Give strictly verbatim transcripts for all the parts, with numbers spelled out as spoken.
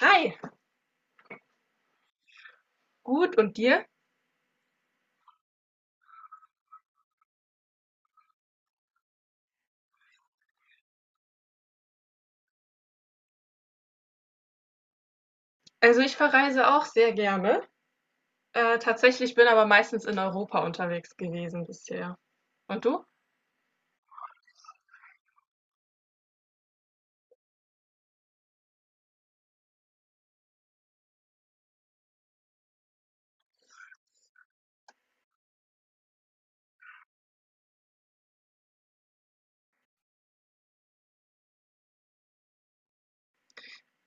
Hi, gut und dir? Also ich verreise auch sehr gerne. Äh, tatsächlich bin aber meistens in Europa unterwegs gewesen bisher. Und du?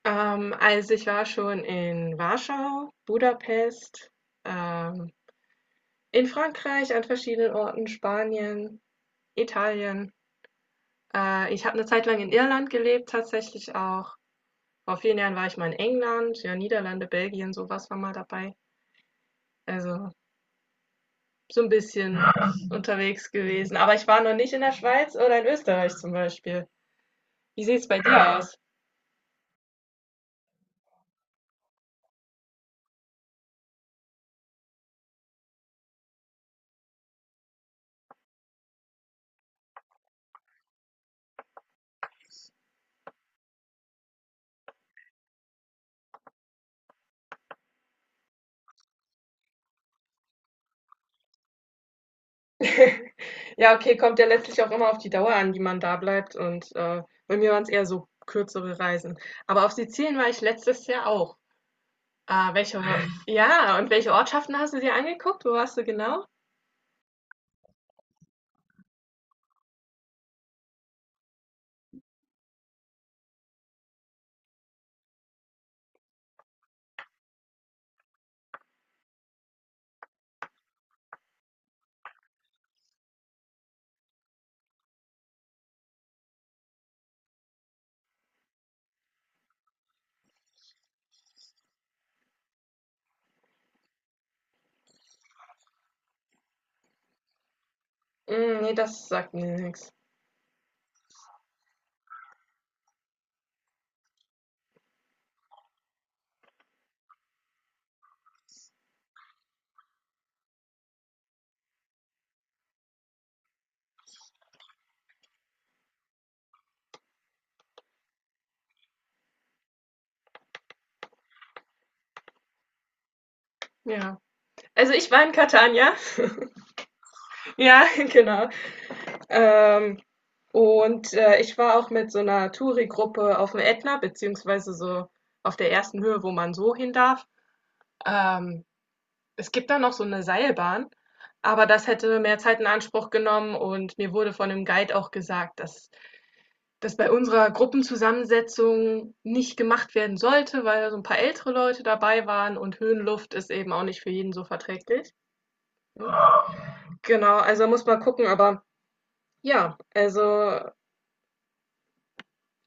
Ähm, also ich war schon in Warschau, Budapest, ähm, in Frankreich an verschiedenen Orten, Spanien, Italien. Äh, ich habe eine Zeit lang in Irland gelebt, tatsächlich auch. Vor vielen Jahren war ich mal in England, ja, Niederlande, Belgien, sowas war mal dabei. Also so ein bisschen unterwegs gewesen. Aber ich war noch nicht in der Schweiz oder in Österreich zum Beispiel. Wie sieht es bei dir aus? Ja, okay, kommt ja letztlich auch immer auf die Dauer an, die man da bleibt. Und äh, bei mir waren es eher so kürzere Reisen. Aber auf Sizilien war ich letztes Jahr auch. Ah, welche, Or- ja, und welche Ortschaften hast du dir angeguckt? Wo warst du genau? Mm, nee, das sagt mir nichts. Ja. Also ich war in Catania. Ja, genau. Ähm, und äh, ich war auch mit so einer Touri-Gruppe auf dem Ätna, beziehungsweise so auf der ersten Höhe, wo man so hin darf. Ähm, Es gibt da noch so eine Seilbahn, aber das hätte mehr Zeit in Anspruch genommen und mir wurde von dem Guide auch gesagt, dass das bei unserer Gruppenzusammensetzung nicht gemacht werden sollte, weil so ein paar ältere Leute dabei waren und Höhenluft ist eben auch nicht für jeden so verträglich. Genau, also muss man gucken, aber ja, also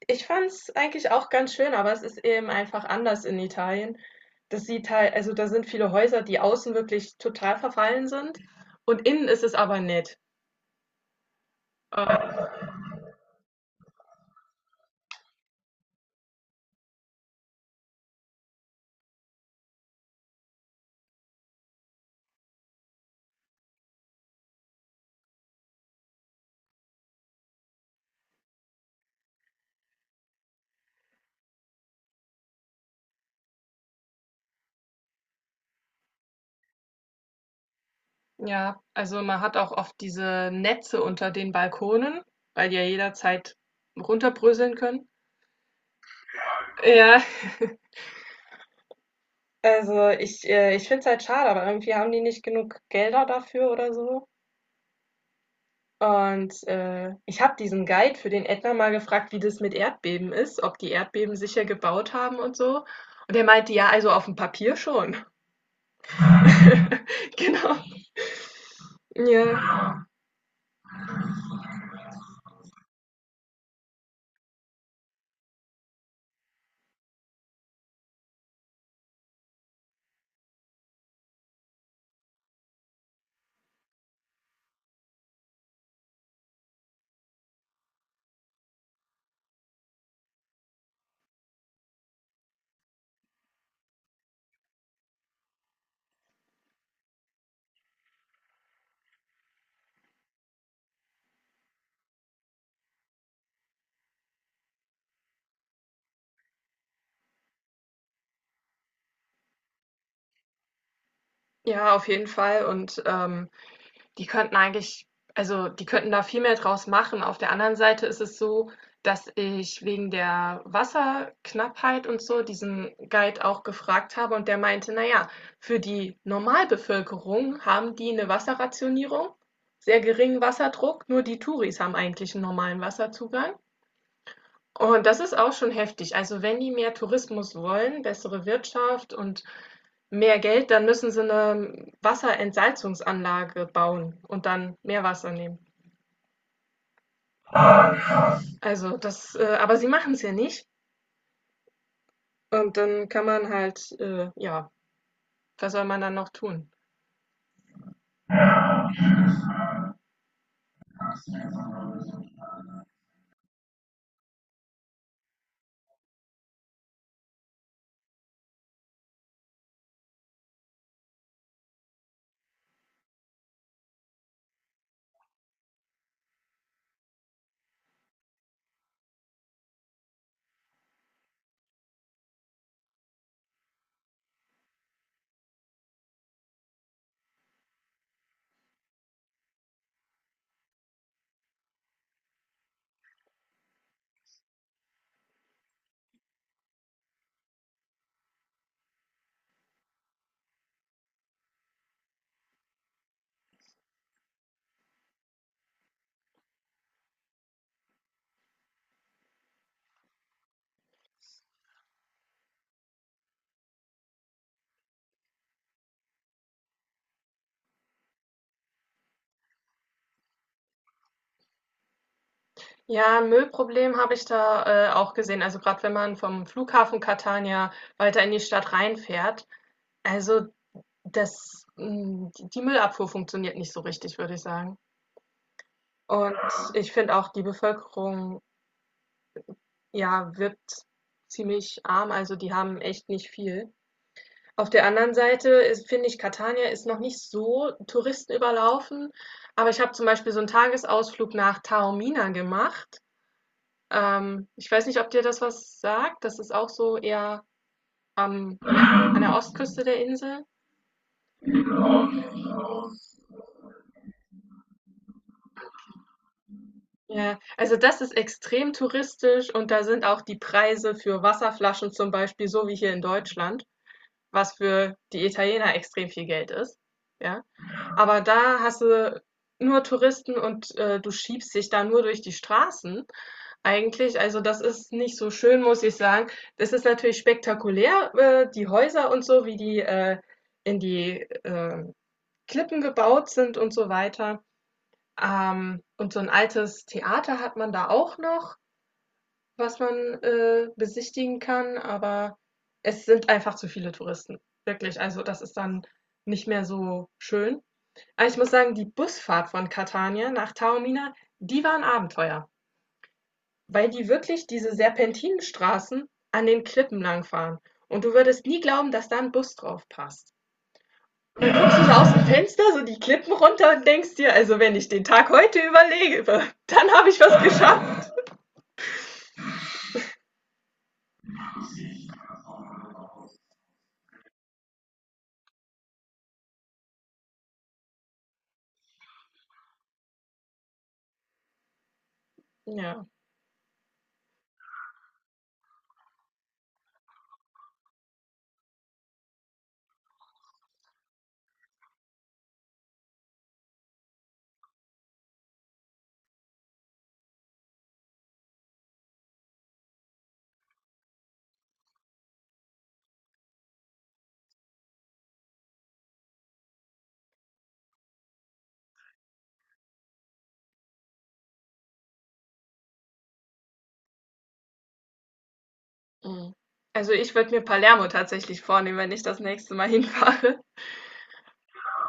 Ich fand es eigentlich auch ganz schön, aber es ist eben einfach anders in Italien. Das sieht halt, also da sind viele Häuser, die außen wirklich total verfallen sind und innen ist es aber nett. Äh, ja, also man hat auch oft diese Netze unter den Balkonen, weil die ja jederzeit runterbröseln können. Ja, also ich, äh, ich finde es halt schade, aber irgendwie haben die nicht genug Gelder dafür oder so. Und, äh, ich habe diesen Guide für den Ätna mal gefragt, wie das mit Erdbeben ist, ob die Erdbeben sicher gebaut haben und so. Und er meinte: „Ja, also auf dem Papier schon.“ Genau. Ja, ja, auf jeden Fall und, ähm Die könnten eigentlich also, die könnten da viel mehr draus machen. Auf der anderen Seite ist es so, dass ich wegen der Wasserknappheit und so diesen Guide auch gefragt habe und der meinte, naja, für die Normalbevölkerung haben die eine Wasserrationierung, sehr geringen Wasserdruck, nur die Touris haben eigentlich einen normalen Wasserzugang. Und das ist auch schon heftig. Also wenn die mehr Tourismus wollen, bessere Wirtschaft und mehr Geld, dann müssen sie eine Wasserentsalzungsanlage bauen und dann mehr Wasser nehmen. Also das, äh, aber sie machen es ja nicht. Und dann kann man halt, äh, ja, was soll man dann noch tun? Ja, Müllproblem habe ich da äh, auch gesehen. Also gerade wenn man vom Flughafen Catania weiter in die Stadt reinfährt. Also das, mh, die Müllabfuhr funktioniert nicht so richtig, würde ich sagen. Und ich finde auch, die Bevölkerung, ja, wirkt ziemlich arm, also die haben echt nicht viel. Auf der anderen Seite ist, finde ich, Catania ist noch nicht so touristenüberlaufen, aber ich habe zum Beispiel so einen Tagesausflug nach Taormina gemacht. Ähm, ich weiß nicht, ob dir das was sagt. Das ist auch so eher am, an der Ostküste der Insel. Ja, also das ist extrem touristisch und da sind auch die Preise für Wasserflaschen zum Beispiel so wie hier in Deutschland. was für die Italiener extrem viel Geld ist. Ja? Aber da hast du nur Touristen und äh, du schiebst dich da nur durch die Straßen eigentlich. Also das ist nicht so schön, muss ich sagen. Das ist natürlich spektakulär, äh, die Häuser und so, wie die äh, in die äh, Klippen gebaut sind und so weiter. Ähm, und so ein altes Theater hat man da auch noch, was man, äh, besichtigen kann, aber es sind einfach zu viele Touristen. Wirklich, also das ist dann nicht mehr so schön. Aber ich muss sagen, die Busfahrt von Catania nach Taormina, die war ein Abenteuer, weil die wirklich diese Serpentinenstraßen an den Klippen langfahren. Und du würdest nie glauben, dass da ein Bus drauf passt. Du Guckst so aus dem Fenster, so die Klippen runter und denkst dir, also wenn ich den Tag heute überlebe, dann habe ich was geschafft. Ja. Mhm. Also, ich würde mir Palermo tatsächlich vornehmen, wenn ich das nächste Mal hinfahre.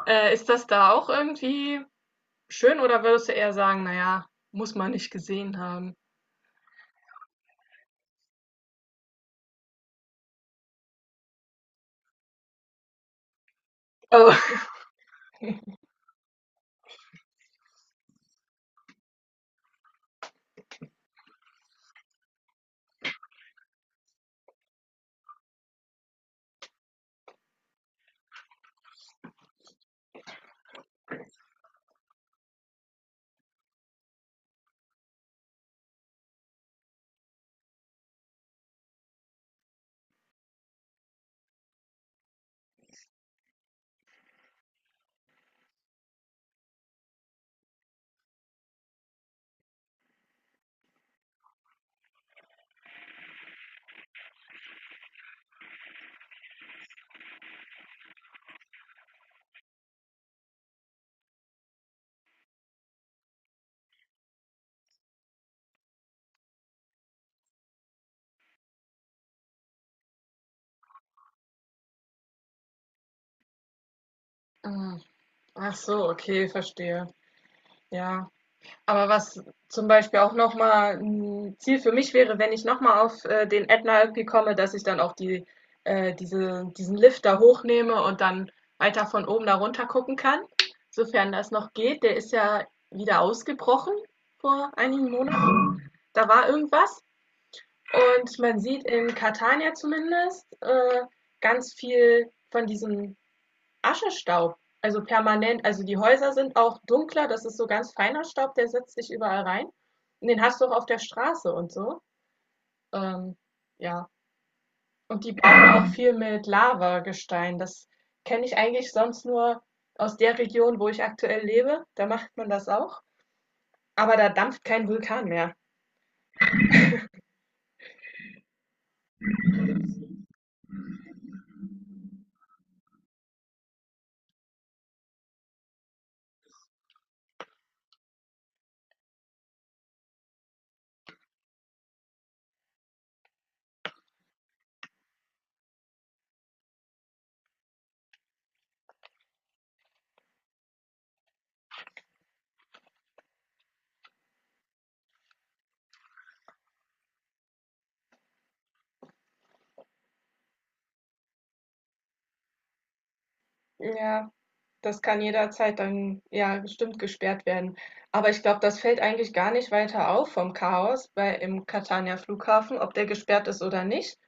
Äh, ist das da auch irgendwie schön oder würdest du eher sagen, na ja, muss man nicht gesehen haben? Oh. Mhm. Ach so, okay, verstehe. Ja. Aber was zum Beispiel auch nochmal ein Ziel für mich wäre, wenn ich nochmal auf äh, den Ätna irgendwie komme, dass ich dann auch die, äh, diese, diesen Lift da hochnehme und dann weiter von oben da runter gucken kann, sofern das noch geht. Der ist ja wieder ausgebrochen vor einigen Monaten. Da war irgendwas. Und man sieht in Catania zumindest äh, ganz viel von diesem Aschestaub, also permanent. Also die Häuser sind auch dunkler, das ist so ganz feiner Staub, der setzt sich überall rein. Und den hast du auch auf der Straße und so. Ähm, ja. Und die bauen auch viel mit Lavagestein. Das kenne ich eigentlich sonst nur aus der Region, wo ich aktuell lebe. Da macht man das auch. Aber da dampft kein Vulkan mehr. Ja, Das kann jederzeit dann, ja, bestimmt gesperrt werden. Aber ich glaube, das fällt eigentlich gar nicht weiter auf vom Chaos bei im Catania Flughafen, ob der gesperrt ist oder nicht,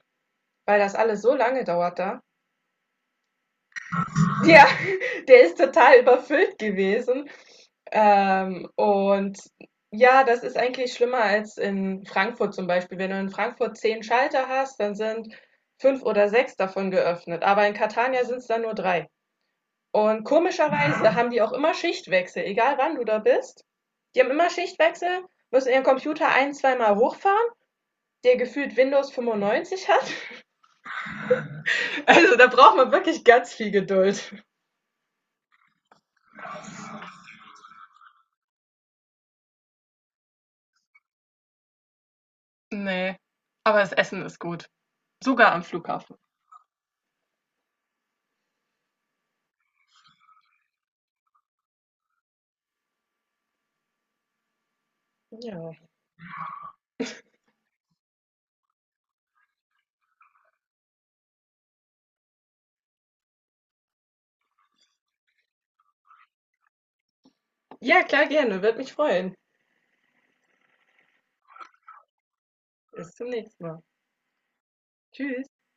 weil das alles so lange dauert da. Ja, der ist total überfüllt gewesen. Ähm, und ja, das ist eigentlich schlimmer als in Frankfurt zum Beispiel. Wenn du in Frankfurt zehn Schalter hast, dann sind fünf oder sechs davon geöffnet. Aber in Catania sind es dann nur drei. Und komischerweise haben die auch immer Schichtwechsel, egal wann du da bist. Die haben immer Schichtwechsel, müssen ihren Computer ein, zweimal hochfahren, der gefühlt Windows fünfundneunzig hat. Also da braucht man wirklich ganz viel Geduld. Nee, aber das Essen ist gut. Sogar am Flughafen. Ja, ja klar, gerne. Würde mich freuen. Bis zum nächsten Mal. Tschüss.